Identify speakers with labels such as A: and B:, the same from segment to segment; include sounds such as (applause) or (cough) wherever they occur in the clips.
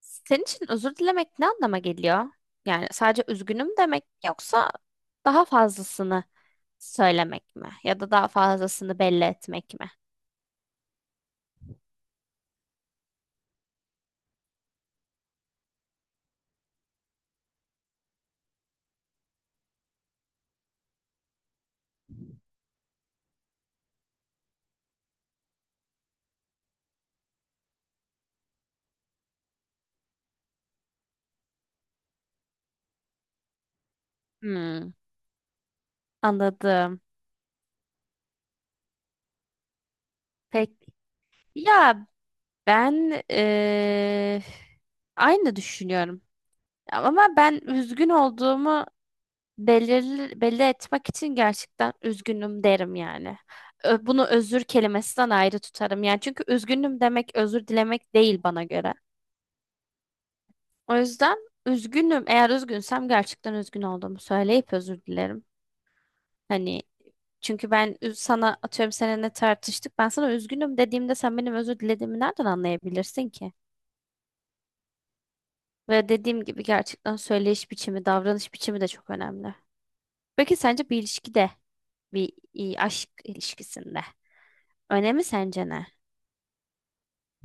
A: Senin için özür dilemek ne anlama geliyor? Yani sadece üzgünüm demek yoksa daha fazlasını söylemek mi? Ya da daha fazlasını belli etmek mi? Hmm, anladım. Peki ya ben aynı düşünüyorum. Ama ben üzgün olduğumu belli etmek için gerçekten üzgünüm derim yani. Bunu özür kelimesinden ayrı tutarım. Yani çünkü üzgünüm demek özür dilemek değil bana göre. O yüzden üzgünüm. Eğer üzgünsem gerçekten üzgün olduğumu söyleyip özür dilerim. Hani çünkü sana atıyorum seninle tartıştık. Ben sana üzgünüm dediğimde sen benim özür dilediğimi nereden anlayabilirsin ki? Ve dediğim gibi gerçekten söyleyiş biçimi, davranış biçimi de çok önemli. Peki sence bir ilişkide, aşk ilişkisinde önemi sence ne?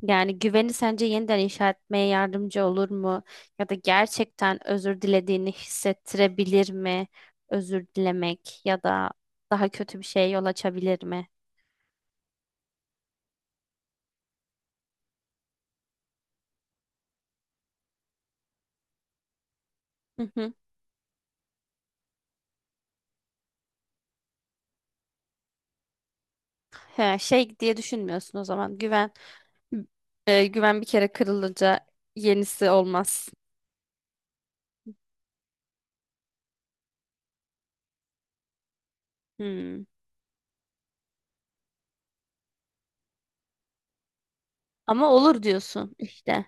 A: Yani güveni sence yeniden inşa etmeye yardımcı olur mu? Ya da gerçekten özür dilediğini hissettirebilir mi? Özür dilemek ya da daha kötü bir şeye yol açabilir mi? Hı hı. He, şey diye düşünmüyorsun o zaman. Güven güven bir kere kırılınca yenisi olmaz. Hmm. Ama olur diyorsun işte.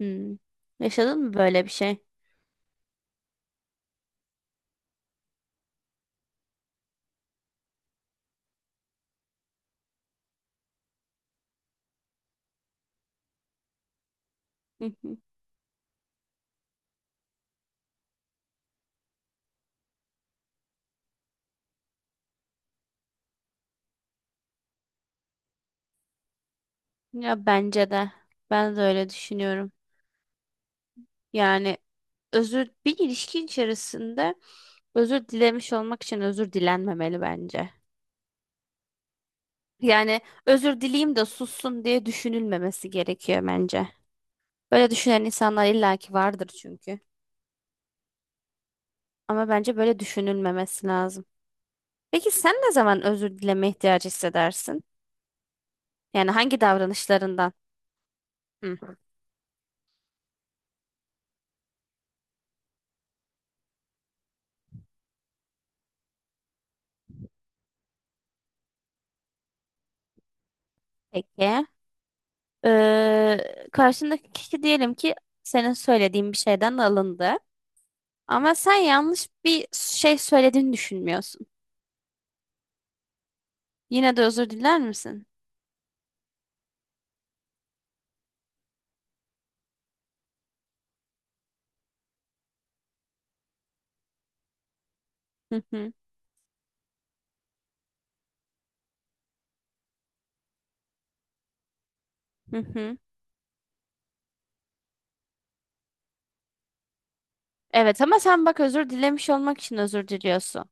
A: Hmm. Yaşadın mı böyle bir şey? Hı hı. Ya bence de. Ben de öyle düşünüyorum. Yani özür bir ilişki içerisinde özür dilemiş olmak için özür dilenmemeli bence. Yani özür dileyim de sussun diye düşünülmemesi gerekiyor bence. Böyle düşünen insanlar illaki vardır çünkü. Ama bence böyle düşünülmemesi lazım. Peki sen ne zaman özür dileme ihtiyacı hissedersin? Yani hangi davranışlarından? Hı. Peki. Karşındaki kişi diyelim ki senin söylediğin bir şeyden alındı. Ama sen yanlış bir şey söylediğini düşünmüyorsun. Yine de özür diler misin? Hı hı, hı hı. Evet ama sen bak özür dilemiş olmak için özür diliyorsun.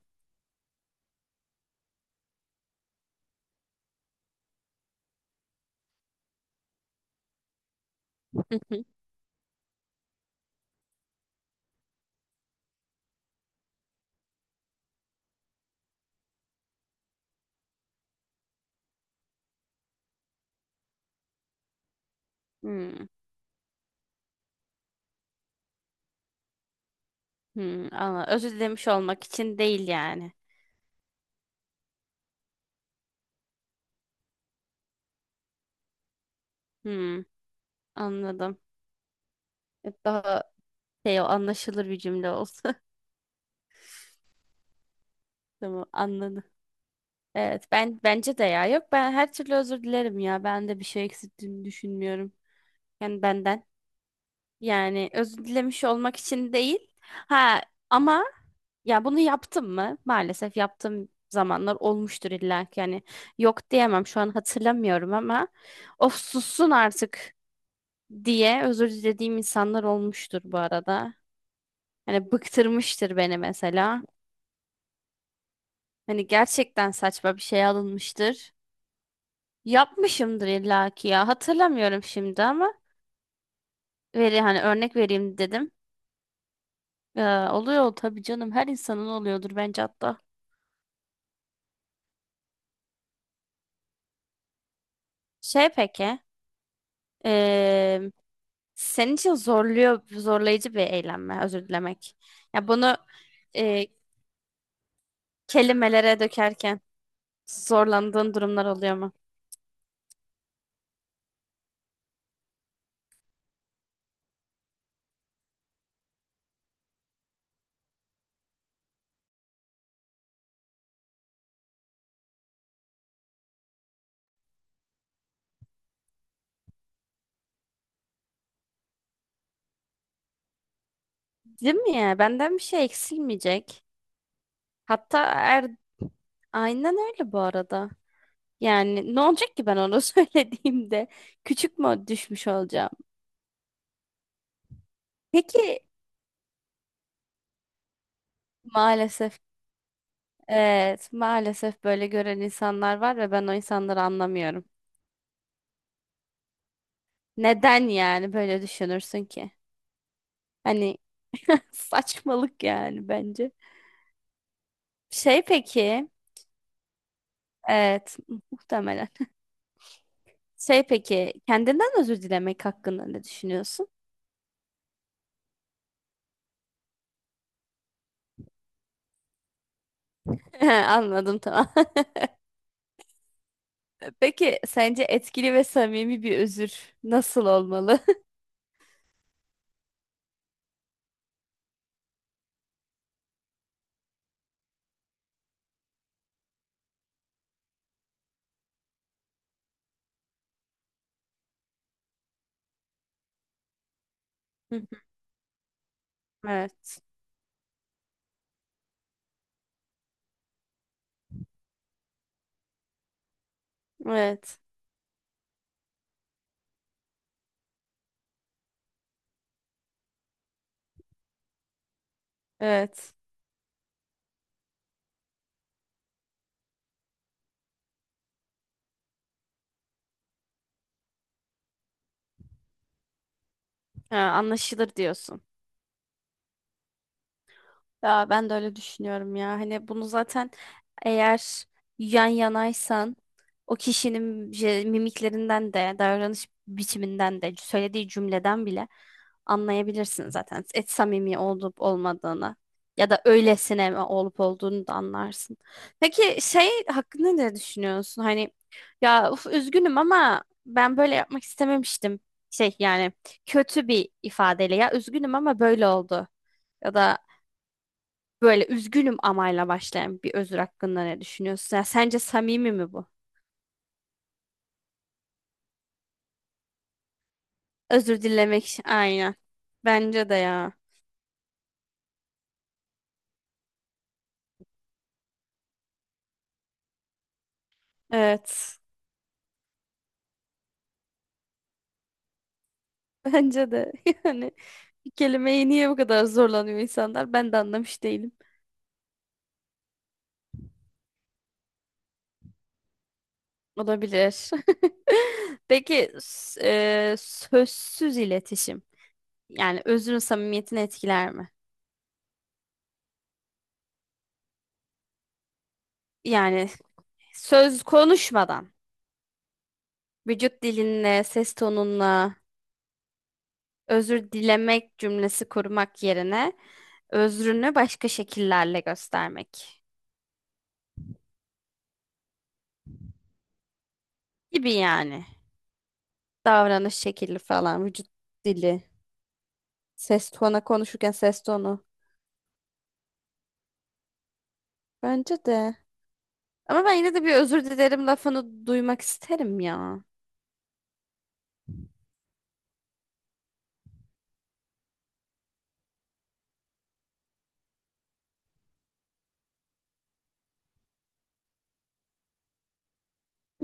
A: Hı hı. Hmm, Özür dilemiş olmak için değil yani. Hmm, anladım. Daha şey o anlaşılır bir cümle olsa. (laughs) Tamam anladım. Evet ben bence de ya. Yok ben her türlü özür dilerim ya. Ben de bir şey eksilttiğini düşünmüyorum. Yani benden. Yani özür dilemiş olmak için değil. Ha ama ya bunu yaptım mı? Maalesef yaptığım zamanlar olmuştur illa ki. Yani yok diyemem şu an hatırlamıyorum ama of sussun artık diye özür dilediğim insanlar olmuştur bu arada. Hani bıktırmıştır beni mesela. Hani gerçekten saçma bir şey alınmıştır. Yapmışımdır illa ki ya. Hatırlamıyorum şimdi ama hani örnek vereyim dedim. Ee, oluyor tabii canım her insanın oluyordur bence hatta. Şey peki, eee, senin için zorlayıcı bir eylem mi? Özür dilemek. Ya bunu eee, kelimelere dökerken zorlandığın durumlar oluyor mu? Değil mi ya? Benden bir şey eksilmeyecek. Hatta aynen öyle bu arada. Yani ne olacak ki ben onu (laughs) söylediğimde? Küçük mü düşmüş olacağım? Peki maalesef, evet maalesef böyle gören insanlar var ve ben o insanları anlamıyorum. Neden yani böyle düşünürsün ki? Hani (laughs) saçmalık yani bence. Şey peki, evet muhtemelen. Şey peki, kendinden özür dilemek hakkında ne düşünüyorsun? (laughs) Anladım tamam. (laughs) Peki sence etkili ve samimi bir özür nasıl olmalı? (laughs) Hı hı. Evet, evet, evet. Ha, anlaşılır diyorsun. Ya ben de öyle düşünüyorum ya. Hani bunu zaten eğer yan yanaysan o kişinin mimiklerinden de, davranış biçiminden de, söylediği cümleden bile anlayabilirsin zaten. Et samimi olup olmadığını ya da öylesine mi olup olduğunu da anlarsın. Peki şey hakkında ne düşünüyorsun? Hani ya uf, üzgünüm ama ben böyle yapmak istememiştim. Şey yani kötü bir ifadeyle ya üzgünüm ama böyle oldu. Ya da böyle üzgünüm amayla başlayan bir özür hakkında ne düşünüyorsun? Ya sence samimi mi bu? Aynen. Bence de ya. Evet. Bence de. (laughs) Yani bir kelimeyi niye bu kadar zorlanıyor insanlar? Ben de anlamış değilim. Olabilir. (laughs) Peki s- sözsüz iletişim. Yani özrün samimiyetini etkiler mi? Yani söz konuşmadan. Vücut dilinle, ses tonunla. Özür dilemek cümlesi kurmak yerine özrünü başka şekillerle göstermek gibi yani. Davranış şekli falan, vücut dili, ses tonu konuşurken ses tonu. Bence de. Ama ben yine de bir özür dilerim lafını duymak isterim ya.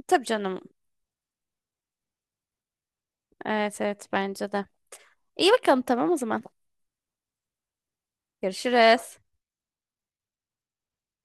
A: Tabii canım. Evet evet bence de. İyi bakalım tamam o zaman. Görüşürüz.